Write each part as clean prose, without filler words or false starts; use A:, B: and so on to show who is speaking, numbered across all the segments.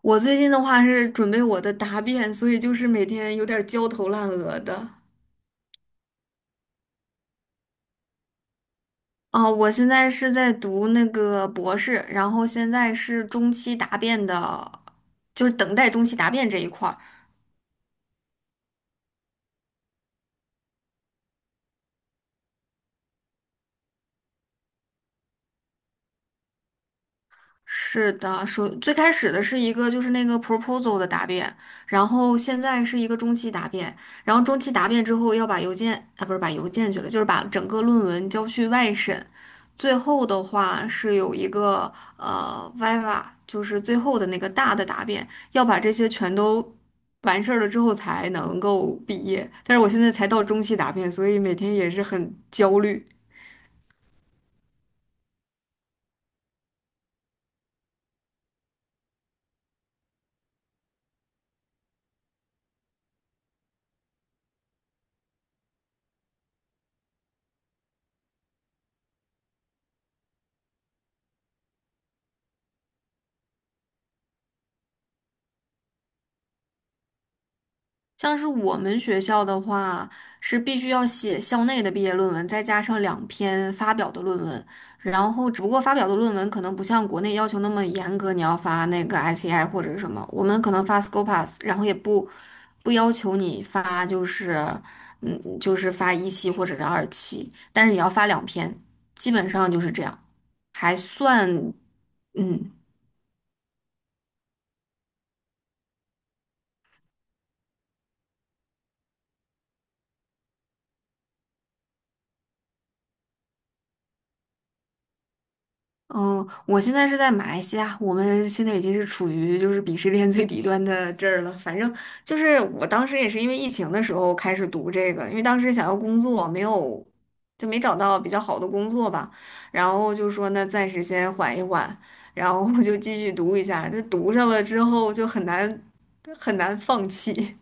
A: 我最近的话是准备我的答辩，所以就是每天有点儿焦头烂额的。哦，我现在是在读那个博士，然后现在是中期答辩的，就是等待中期答辩这一块儿。是的，最开始的是一个就是那个 proposal 的答辩，然后现在是一个中期答辩，然后中期答辩之后要把邮件啊不是把邮件去了，就是把整个论文交去外审，最后的话是有一个viva，就是最后的那个大的答辩，要把这些全都完事儿了之后才能够毕业。但是我现在才到中期答辩，所以每天也是很焦虑。像是我们学校的话，是必须要写校内的毕业论文，再加上两篇发表的论文。然后，只不过发表的论文可能不像国内要求那么严格，你要发那个 ICI 或者是什么，我们可能发 Scopus，然后也不要求你发，就是就是发一期或者是二期，但是你要发两篇，基本上就是这样，还算嗯。嗯，我现在是在马来西亚，我们现在已经是处于就是鄙视链最底端的这儿了。反正就是我当时也是因为疫情的时候开始读这个，因为当时想要工作，没有就没找到比较好的工作吧，然后就说那暂时先缓一缓，然后我就继续读一下。这读上了之后就很难很难放弃。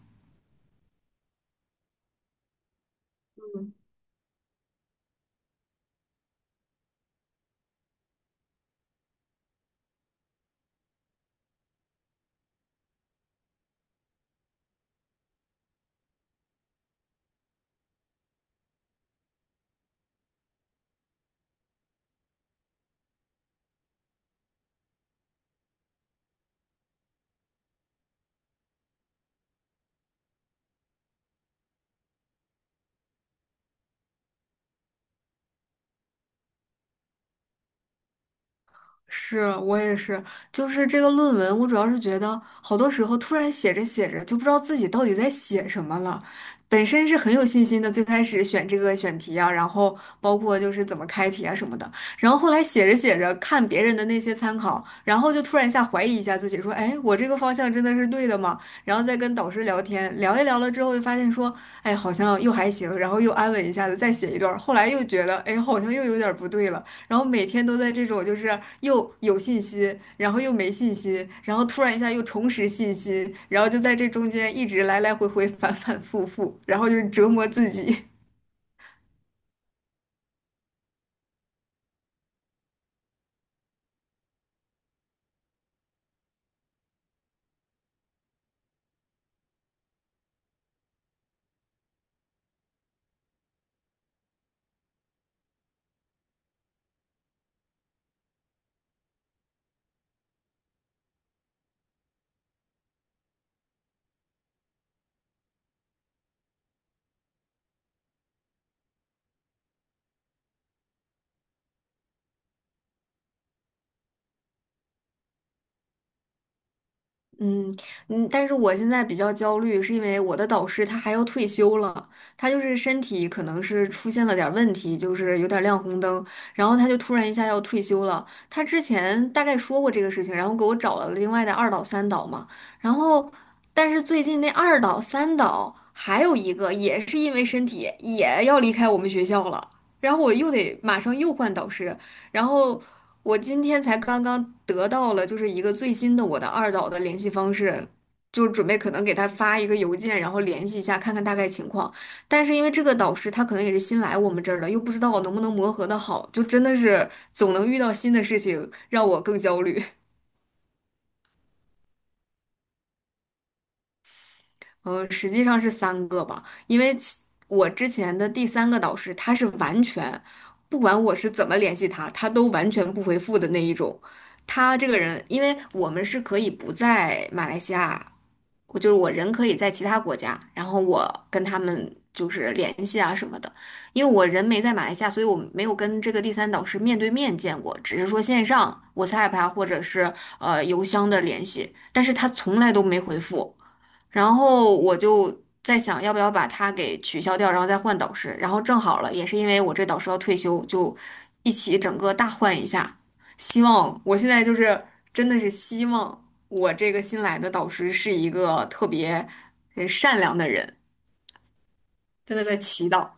A: 是我也是，就是这个论文，我主要是觉得好多时候突然写着写着就不知道自己到底在写什么了。本身是很有信心的，最开始选这个选题啊，然后包括就是怎么开题啊什么的，然后后来写着写着看别人的那些参考，然后就突然一下怀疑一下自己，说，哎，我这个方向真的是对的吗？然后再跟导师聊天，聊一聊了之后就发现说，哎，好像又还行，然后又安稳一下子再写一段儿后来又觉得，哎，好像又有点儿不对了。然后每天都在这种就是又有信心，然后又没信心，然后突然一下又重拾信心，然后就在这中间一直来来回回 反反复复，然后就是折磨自己。嗯嗯，但是我现在比较焦虑，是因为我的导师他还要退休了，他就是身体可能是出现了点儿问题，就是有点儿亮红灯，然后他就突然一下要退休了。他之前大概说过这个事情，然后给我找了另外的二导、三导嘛，然后但是最近那二导、三导还有一个也是因为身体也要离开我们学校了，然后我又得马上又换导师，然后我今天才刚刚得到了，就是一个最新的我的二导的联系方式，就准备可能给他发一个邮件，然后联系一下，看看大概情况。但是因为这个导师他可能也是新来我们这儿的，又不知道我能不能磨合的好，就真的是总能遇到新的事情，让我更焦虑。实际上是三个吧，因为我之前的第三个导师，他是完全不管我是怎么联系他，他都完全不回复的那一种。他这个人，因为我们是可以不在马来西亚我就是我人可以在其他国家，然后我跟他们就是联系啊什么的，因为我人没在马来西亚，所以我没有跟这个第三导师面对面见过，只是说线上 WhatsApp 啊或者是邮箱的联系，但是他从来都没回复，然后我就在想要不要把他给取消掉，然后再换导师，然后正好了，也是因为我这导师要退休，就一起整个大换一下，希望我现在就是真的是希望。我这个新来的导师是一个特别善良的人，真在祈祷。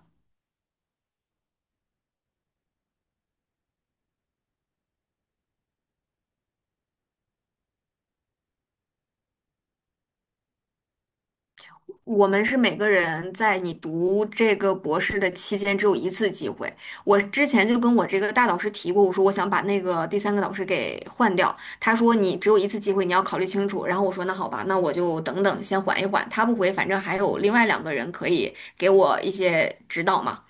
A: 我们是每个人在你读这个博士的期间只有一次机会。我之前就跟我这个大导师提过，我说我想把那个第三个导师给换掉。他说你只有一次机会，你要考虑清楚。然后我说那好吧，那我就等等，先缓一缓。他不回，反正还有另外两个人可以给我一些指导嘛。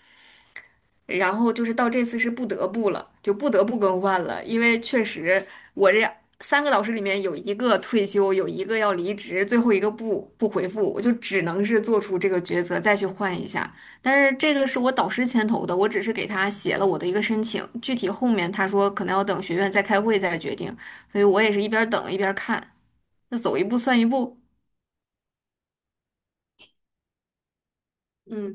A: 然后就是到这次是不得不了，就不得不更换了，因为确实我这三个导师里面有一个退休，有一个要离职，最后一个不回复，我就只能是做出这个抉择，再去换一下。但是这个是我导师牵头的，我只是给他写了我的一个申请，具体后面他说可能要等学院再开会再决定，所以我也是一边儿等一边儿看，那走一步算一步。嗯。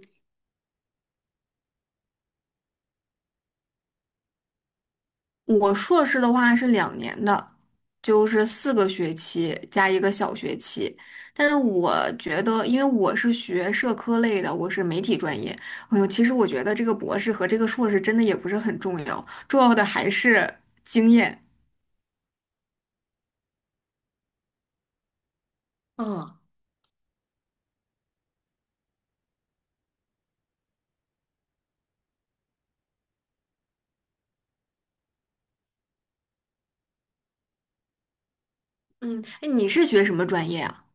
A: 我硕士的话是2年的，就是4个学期加一个小学期。但是我觉得，因为我是学社科类的，我是媒体专业。哎呦，其实我觉得这个博士和这个硕士真的也不是很重要，重要的还是经验。嗯。嗯，哎，你是学什么专业啊？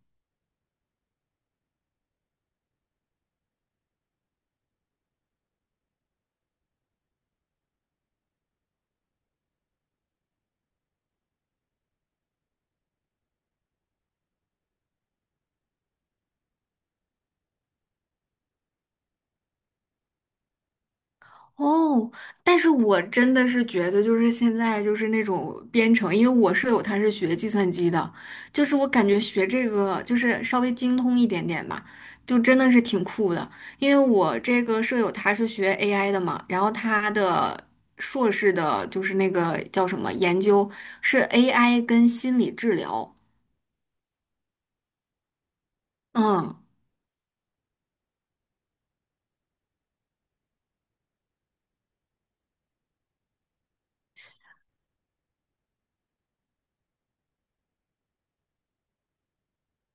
A: 哦，但是我真的是觉得，就是现在就是那种编程，因为我舍友他是学计算机的，就是我感觉学这个就是稍微精通一点点吧，就真的是挺酷的。因为我这个舍友他是学 AI 的嘛，然后他的硕士的就是那个叫什么研究是 AI 跟心理治疗，嗯。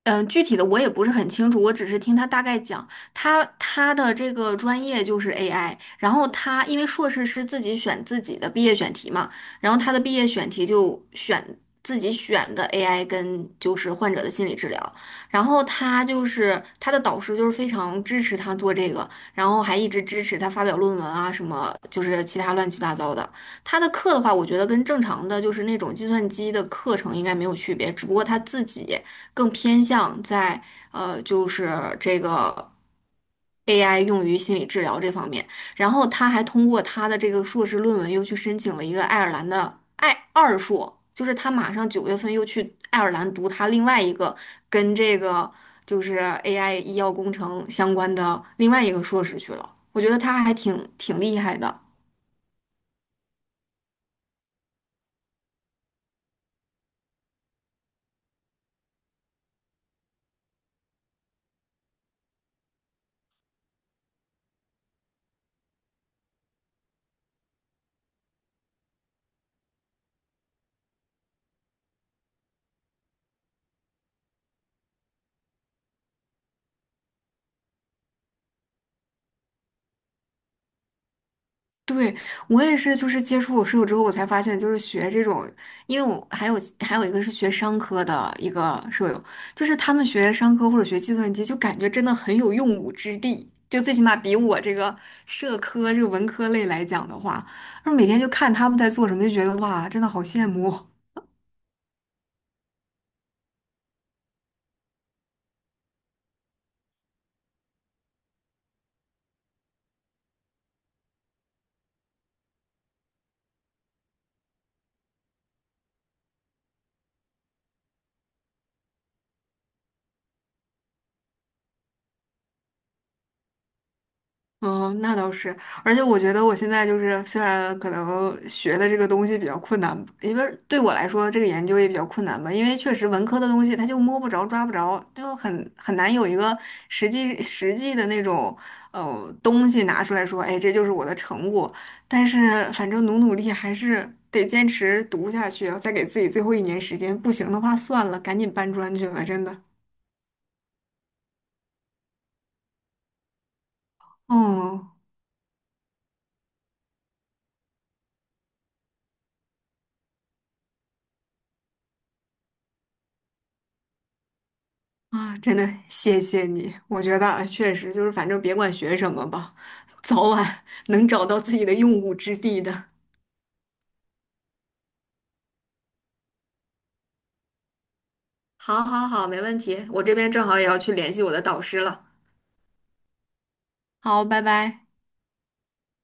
A: 嗯，具体的我也不是很清楚，我只是听他大概讲，他的这个专业就是 AI，然后他因为硕士是自己选自己的毕业选题嘛，然后他的毕业选题就选自己选的 AI 跟就是患者的心理治疗，然后他就是他的导师就是非常支持他做这个，然后还一直支持他发表论文啊什么，就是其他乱七八糟的。他的课的话，我觉得跟正常的就是那种计算机的课程应该没有区别，只不过他自己更偏向在就是这个 AI 用于心理治疗这方面。然后他还通过他的这个硕士论文又去申请了一个爱尔兰的爱二硕，就是他马上9月份又去爱尔兰读他另外一个跟这个就是 AI 医药工程相关的另外一个硕士去了。我觉得他还挺厉害的。对，我也是，就是接触我室友之后，我才发现，就是学这种，因为我还有一个是学商科的一个舍友，就是他们学商科或者学计算机，就感觉真的很有用武之地，就最起码比我这个社科这个文科类来讲的话，然后每天就看他们在做什么，就觉得哇，真的好羡慕哦。嗯，那倒是，而且我觉得我现在就是，虽然可能学的这个东西比较困难，因为对我来说这个研究也比较困难吧，因为确实文科的东西它就摸不着、抓不着，就很难有一个实际的那种东西拿出来说，哎，这就是我的成果。但是反正努努力还是得坚持读下去，再给自己最后一年时间，不行的话算了，赶紧搬砖去吧，真的。哦。啊，真的谢谢你，我觉得啊确实就是反正别管学什么吧，早晚 能找到自己的用武之地的。好，好，好，没问题。我这边正好也要去联系我的导师了。好，拜拜。